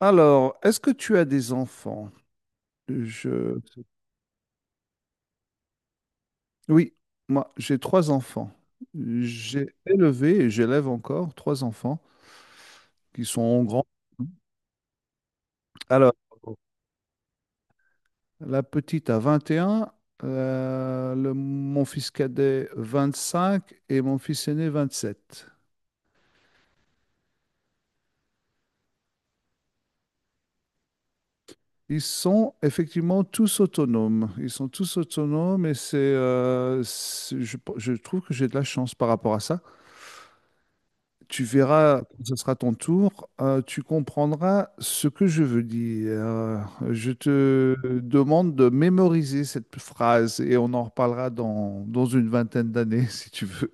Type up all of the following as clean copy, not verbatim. Alors, est-ce que tu as des enfants? Je... Oui, moi, j'ai trois enfants. J'ai élevé et j'élève encore trois enfants qui sont grands. Alors, la petite a 21, mon fils cadet 25 et mon fils aîné 27. Ils sont effectivement tous autonomes. Ils sont tous autonomes et je trouve que j'ai de la chance par rapport à ça. Tu verras, quand ce sera ton tour, tu comprendras ce que je veux dire. Je te demande de mémoriser cette phrase et on en reparlera dans une vingtaine d'années, si tu veux.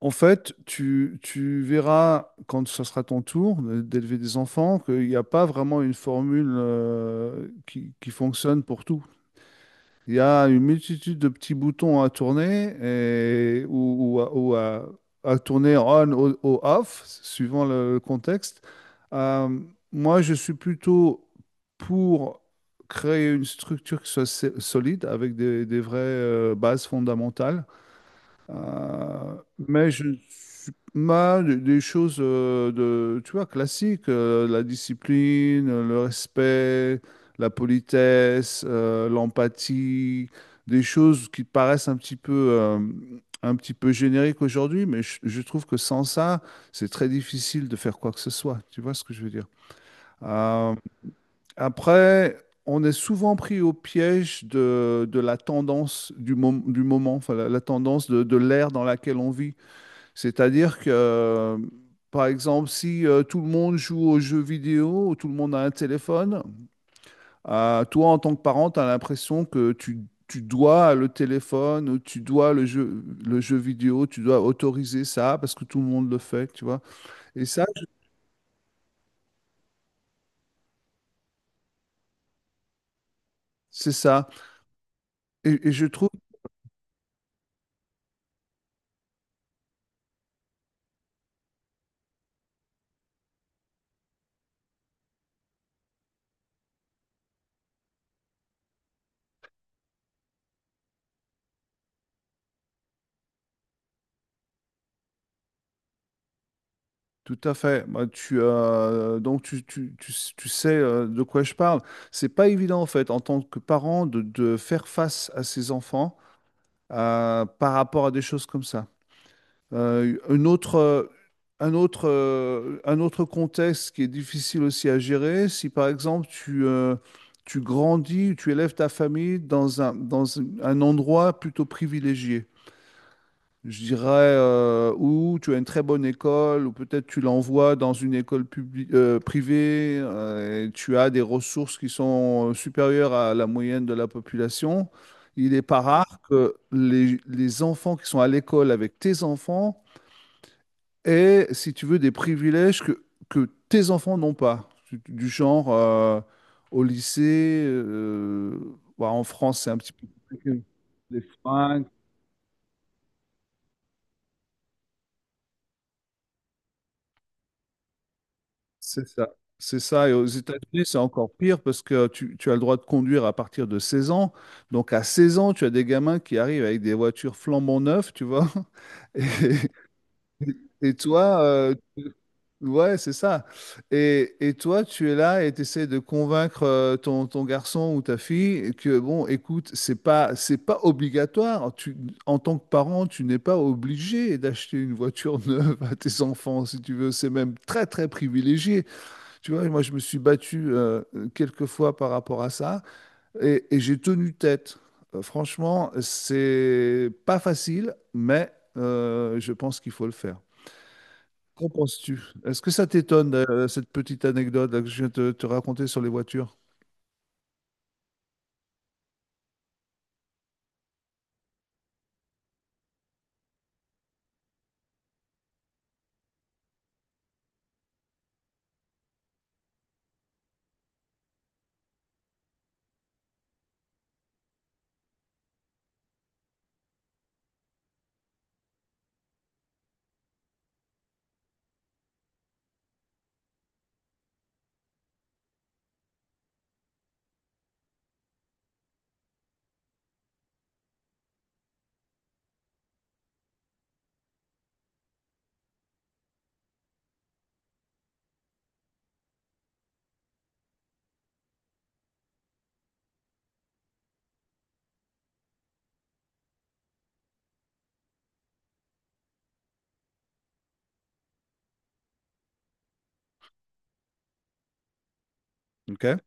En fait, tu verras, quand ce sera ton tour d'élever des enfants, qu'il n'y a pas vraiment une formule, qui fonctionne pour tout. Il y a une multitude de petits boutons à tourner à tourner on ou off, suivant le contexte. Euh, Moi, je suis plutôt pour créer une structure qui soit solide avec des vraies bases fondamentales euh, mais je suis mal des choses tu vois, classiques, la discipline, le respect, la politesse, l'empathie, des choses qui paraissent euh, un petit peu génériques aujourd'hui, mais je trouve que sans ça, c'est très difficile de faire quoi que ce soit. Tu vois ce que je veux dire? Euh, Après, on est souvent pris au piège de la tendance du moment, enfin, la tendance de l'ère dans laquelle on vit. C'est-à-dire que, par exemple, si tout le monde joue aux jeux vidéo, ou tout le monde a un téléphone, toi, en tant que parent, tu as l'impression que tu dois le téléphone, ou tu dois le jeu vidéo, tu dois autoriser ça parce que tout le monde le fait, tu vois. Et ça, c'est ça. Et je trouve. Tout à fait. Bah, donc tu sais de quoi je parle. C'est pas évident en fait en tant que parent de faire face à ses enfants par rapport à des choses comme ça. Une autre, un autre, un autre contexte qui est difficile aussi à gérer, si par exemple tu grandis, tu élèves ta famille dans un endroit plutôt privilégié. Je dirais, ou tu as une très bonne école, ou peut-être tu l'envoies dans une école privée, et tu as des ressources qui sont supérieures à la moyenne de la population. Il n'est pas rare que les enfants qui sont à l'école avec tes enfants aient, si tu veux, des privilèges que tes enfants n'ont pas. Du genre, au lycée, bah, en France, c'est un petit peu compliqué. Les fringues. C'est ça. C'est ça. Et aux États-Unis, c'est encore pire parce que tu as le droit de conduire à partir de 16 ans. Donc, à 16 ans, tu as des gamins qui arrivent avec des voitures flambant neuves, tu vois. Et, et toi, euh, ouais, c'est ça. Et toi, tu es là et tu essaies de convaincre ton garçon ou ta fille que, bon, écoute, c'est pas obligatoire. Tu, en tant que parent, tu n'es pas obligé d'acheter une voiture neuve à tes enfants, si tu veux. C'est même très, très privilégié. Tu vois, moi, je me suis battu quelques fois par rapport à ça et j'ai tenu tête. Franchement, c'est pas facile, mais je pense qu'il faut le faire. Qu'en penses-tu? Est-ce que ça t'étonne, cette petite anecdote là, que je viens te raconter sur les voitures? OK.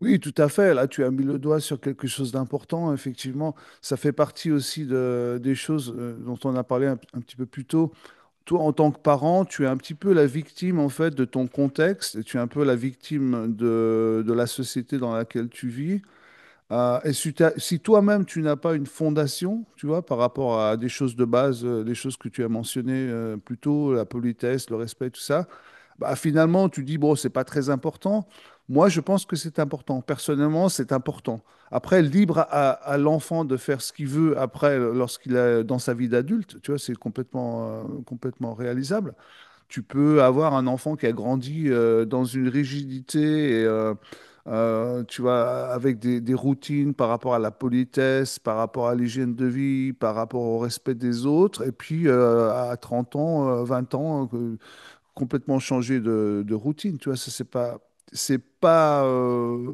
Oui, tout à fait. Là, tu as mis le doigt sur quelque chose d'important. Effectivement, ça fait partie aussi des choses dont on a parlé un petit peu plus tôt. Toi, en tant que parent, tu es un petit peu la victime en fait de ton contexte et tu es un peu la victime de la société dans laquelle tu vis. Si toi-même tu n'as pas une fondation, tu vois, par rapport à des choses de base, les choses que tu as mentionnées plus tôt, la politesse, le respect, tout ça, bah, finalement, tu dis, bon, c'est pas très important. Moi, je pense que c'est important. Personnellement, c'est important. Après, à l'enfant de faire ce qu'il veut après, lorsqu'il est dans sa vie d'adulte, tu vois, c'est complètement, complètement réalisable. Tu peux avoir un enfant qui a grandi dans une rigidité tu vois, avec des routines par rapport à la politesse, par rapport à l'hygiène de vie, par rapport au respect des autres. Et puis, à 30 ans, 20 ans, complètement changer de routine, tu vois, ça c'est pas, c'est pas,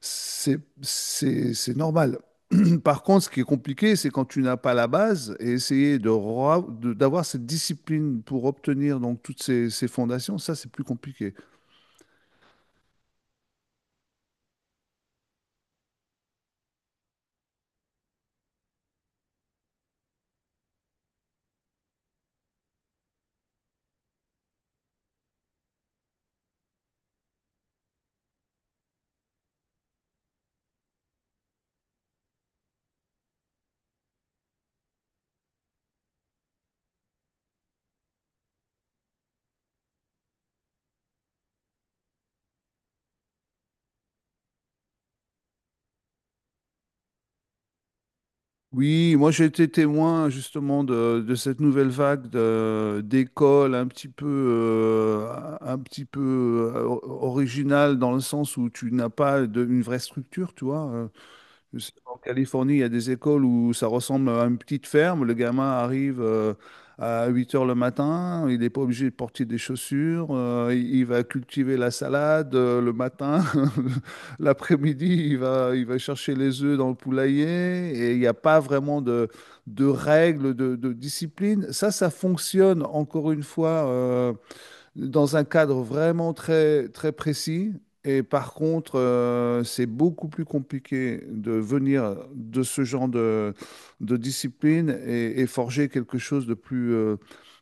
c'est normal. Par contre, ce qui est compliqué, c'est quand tu n'as pas la base et essayer d'avoir cette discipline pour obtenir donc ces fondations, ça c'est plus compliqué. Oui, moi j'ai été témoin justement de cette nouvelle vague d'écoles un petit peu originale dans le sens où tu n'as pas une vraie structure, tu vois. Je sais qu'en Californie, il y a des écoles où ça ressemble à une petite ferme. Le gamin arrive à 8 heures le matin, il n'est pas obligé de porter des chaussures, il va cultiver la salade le matin. L'après-midi, il va chercher les œufs dans le poulailler et il n'y a pas vraiment de règles, de discipline. Ça fonctionne encore une fois dans un cadre vraiment très, très précis. Et par contre, c'est beaucoup plus compliqué de venir de ce genre de discipline et forger quelque chose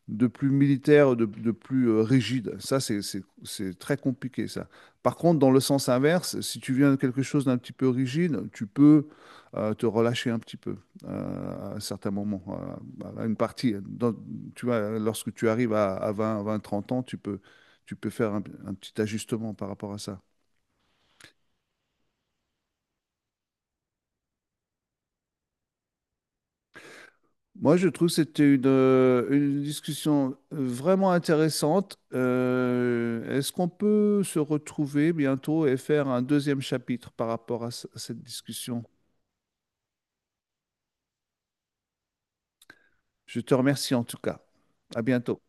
de plus militaire, de plus rigide. Ça, c'est très compliqué, ça. Par contre, dans le sens inverse, si tu viens de quelque chose d'un petit peu rigide, tu peux te relâcher un petit peu à certains moments, à une partie. Tu vois, lorsque tu arrives à 20, 20, 30 ans, tu peux faire un petit ajustement par rapport à ça. Moi, je trouve que c'était une discussion vraiment intéressante. Est-ce qu'on peut se retrouver bientôt et faire un deuxième chapitre par rapport à à cette discussion? Je te remercie en tout cas. À bientôt.